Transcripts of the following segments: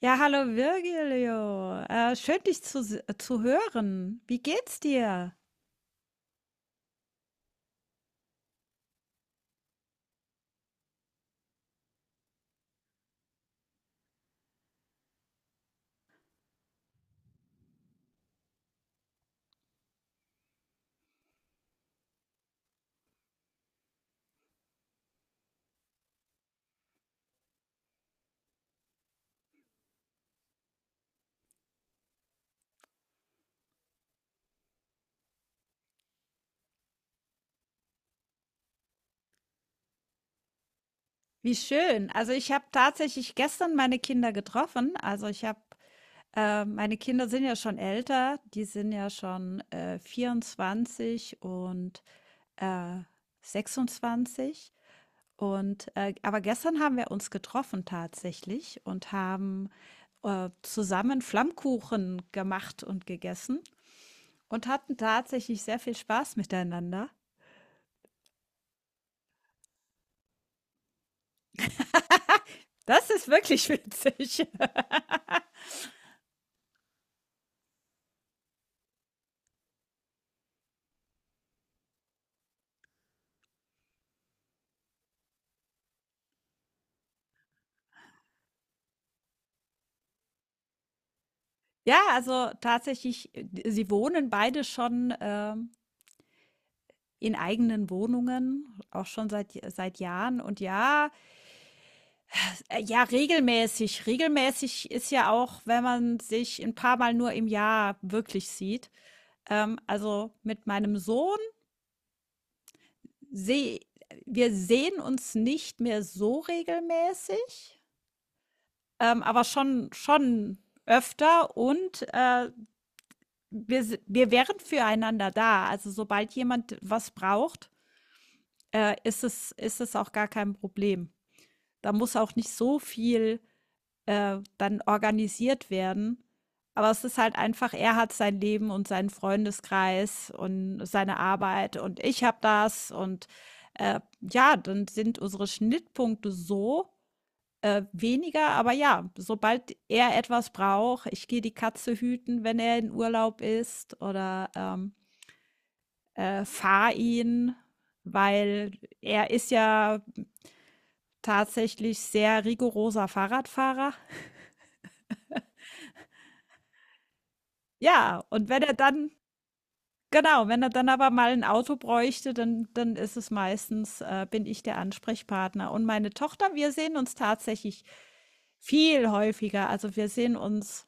Ja, hallo Virgilio. Schön, dich zu hören. Wie geht's dir? Wie schön. Also ich habe tatsächlich gestern meine Kinder getroffen. Meine Kinder sind ja schon älter. Die sind ja schon 24 und äh, 26. Und aber gestern haben wir uns getroffen tatsächlich und haben zusammen Flammkuchen gemacht und gegessen. Und hatten tatsächlich sehr viel Spaß miteinander. Das ist wirklich witzig. Ja, also tatsächlich, äh, Sie wohnen beide schon, in eigenen Wohnungen, auch schon seit Jahren. Und ja, ja, regelmäßig. Regelmäßig ist ja auch, wenn man sich ein paar Mal nur im Jahr wirklich sieht. Also, mit meinem Sohn sehe wir sehen uns nicht mehr so regelmäßig. Aber schon öfter und wir wären füreinander da. Also sobald jemand was braucht, ist es auch gar kein Problem. Da muss auch nicht so viel dann organisiert werden. Aber es ist halt einfach, er hat sein Leben und seinen Freundeskreis und seine Arbeit und ich habe das. Und ja, dann sind unsere Schnittpunkte so, weniger, aber ja, sobald er etwas braucht, ich gehe die Katze hüten, wenn er in Urlaub ist oder, fahre ihn, weil er ist ja tatsächlich sehr rigoroser Fahrradfahrer. Ja, und wenn er dann Genau, wenn er dann aber mal ein Auto bräuchte, dann ist es meistens bin ich der Ansprechpartner. Und meine Tochter, wir sehen uns tatsächlich viel häufiger. Also, wir sehen uns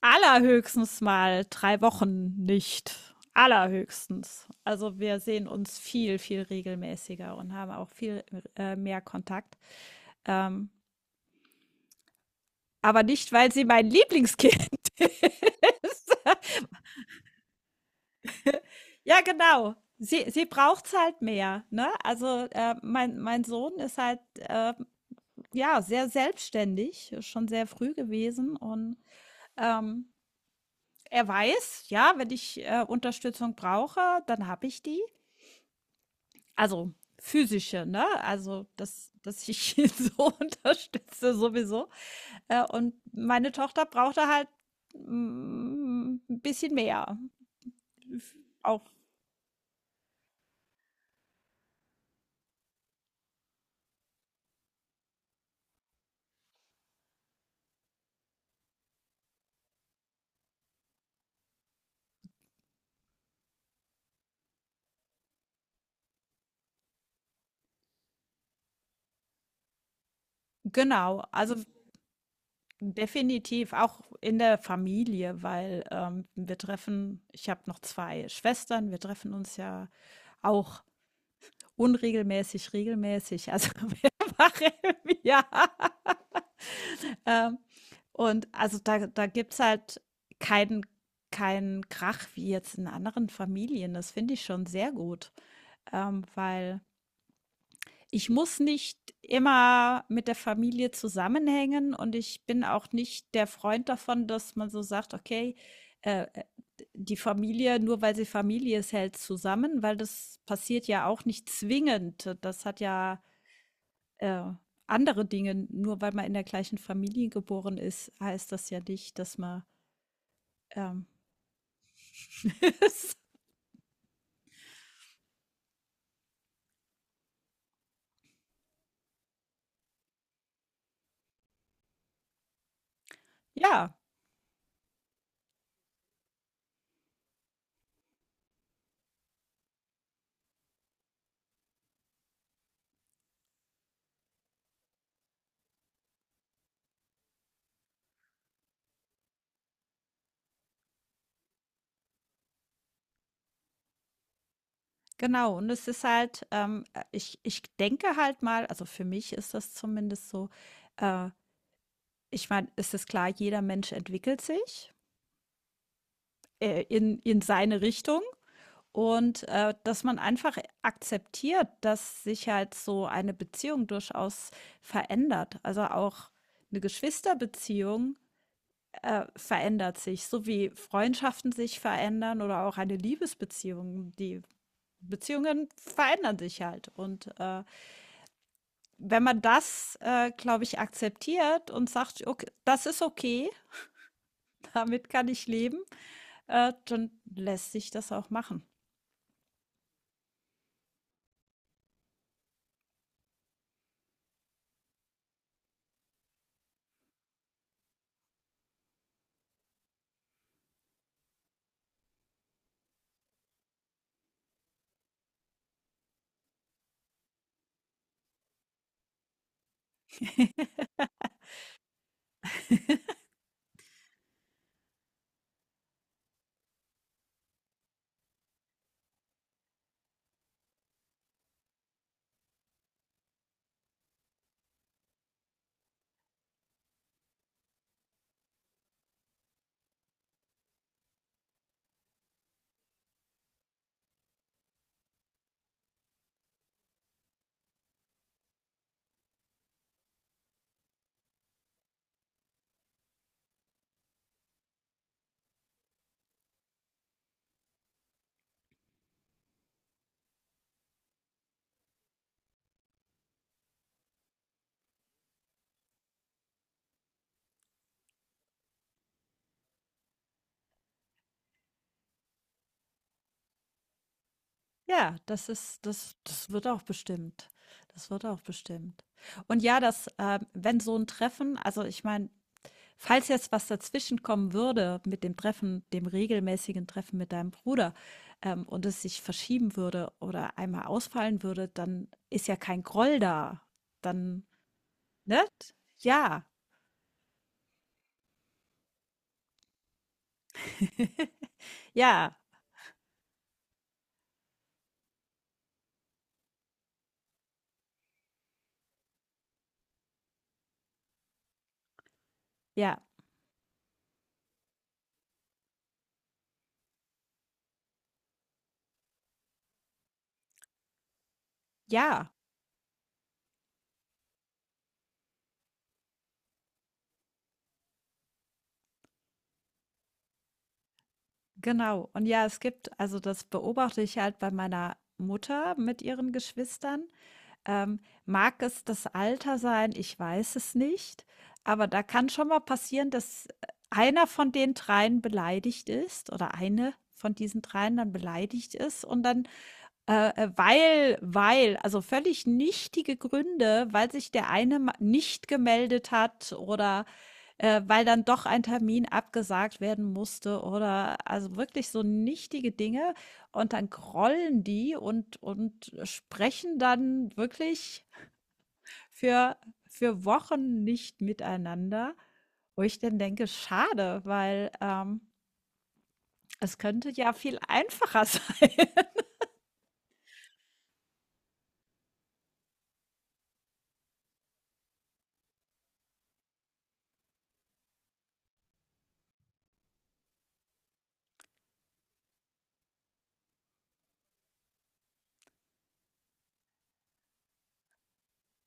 allerhöchstens mal drei Wochen nicht. Allerhöchstens. Also wir sehen uns viel regelmäßiger und haben auch viel mehr Kontakt. Ähm, aber nicht, weil sie mein Lieblingskind ja, genau. Sie braucht es halt mehr. Ne? Also mein Sohn ist halt ja sehr selbstständig, schon sehr früh gewesen. Und ähm, er weiß, ja, wenn ich Unterstützung brauche, dann habe ich die. Also, physische, ne? Also, dass ich ihn so unterstütze sowieso. Und meine Tochter brauchte halt, 'n bisschen mehr. Auch genau, also definitiv auch in der Familie, weil, wir treffen ich habe noch 2 Schwestern, wir treffen uns ja auch unregelmäßig, regelmäßig, also mehrfach im Jahr. Ähm, und also da gibt's halt keinen keinen Krach wie jetzt in anderen Familien. Das finde ich schon sehr gut, weil ich muss nicht immer mit der Familie zusammenhängen und ich bin auch nicht der Freund davon, dass man so sagt, okay, äh, äh, die Familie, nur weil sie Familie ist, hält zusammen, weil das passiert ja auch nicht zwingend. Das hat ja äh, andere Dinge. Nur weil man in der gleichen Familie geboren ist, heißt das ja nicht, dass man ähm, ja, genau. Und es ist halt, ich denke halt mal, also für mich ist das zumindest so, äh, ich meine, es ist klar, jeder Mensch entwickelt sich in seine Richtung und dass man einfach akzeptiert, dass sich halt so eine Beziehung durchaus verändert. Also auch eine Geschwisterbeziehung verändert sich, so wie Freundschaften sich verändern oder auch eine Liebesbeziehung. Die Beziehungen verändern sich halt. Und wenn man das, glaube ich, akzeptiert und sagt, okay, das ist okay, damit kann ich leben, dann lässt sich das auch machen. Ja, das wird auch bestimmt. Das wird auch bestimmt. Und ja, wenn so ein Treffen also, ich meine, falls jetzt was dazwischenkommen würde mit dem Treffen dem regelmäßigen Treffen mit deinem Bruder, und es sich verschieben würde oder einmal ausfallen würde, dann ist ja kein Groll da. Dann ne? Ja. Ja, ja, ja. Genau. Und ja, es gibt also das beobachte ich halt bei meiner Mutter mit ihren Geschwistern. Mag es das Alter sein? Ich weiß es nicht. Aber da kann schon mal passieren, dass einer von den dreien beleidigt ist oder eine von diesen dreien dann beleidigt ist und dann weil also völlig nichtige Gründe, weil sich der eine ma nicht gemeldet hat oder, weil dann doch ein Termin abgesagt werden musste oder also wirklich so nichtige Dinge und dann grollen die und sprechen dann wirklich für für Wochen nicht miteinander, wo ich dann denke: „Schade, weil, es könnte ja viel einfacher sein.“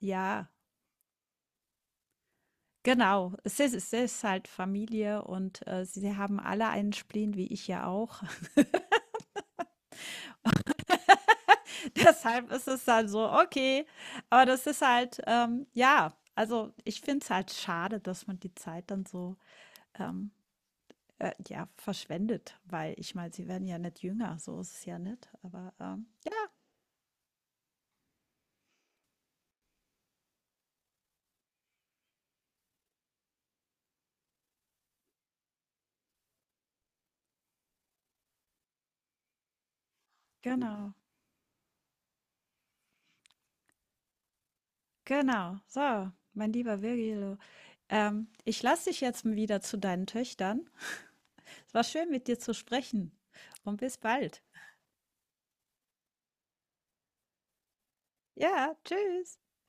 Ja. Genau, es ist halt Familie und, sie haben alle einen Spleen, wie ich ja auch. Deshalb ist es dann so, okay. Aber das ist halt, ja also, ich finde es halt schade, dass man die Zeit dann so, ähm, ja, verschwendet, weil ich meine, sie werden ja nicht jünger, so ist es ja nicht. Aber, ja, genau, genau. So, mein lieber Virgilio, ich lasse dich jetzt wieder zu deinen Töchtern. Es war schön, mit dir zu sprechen und bis bald. Ja, tschüss.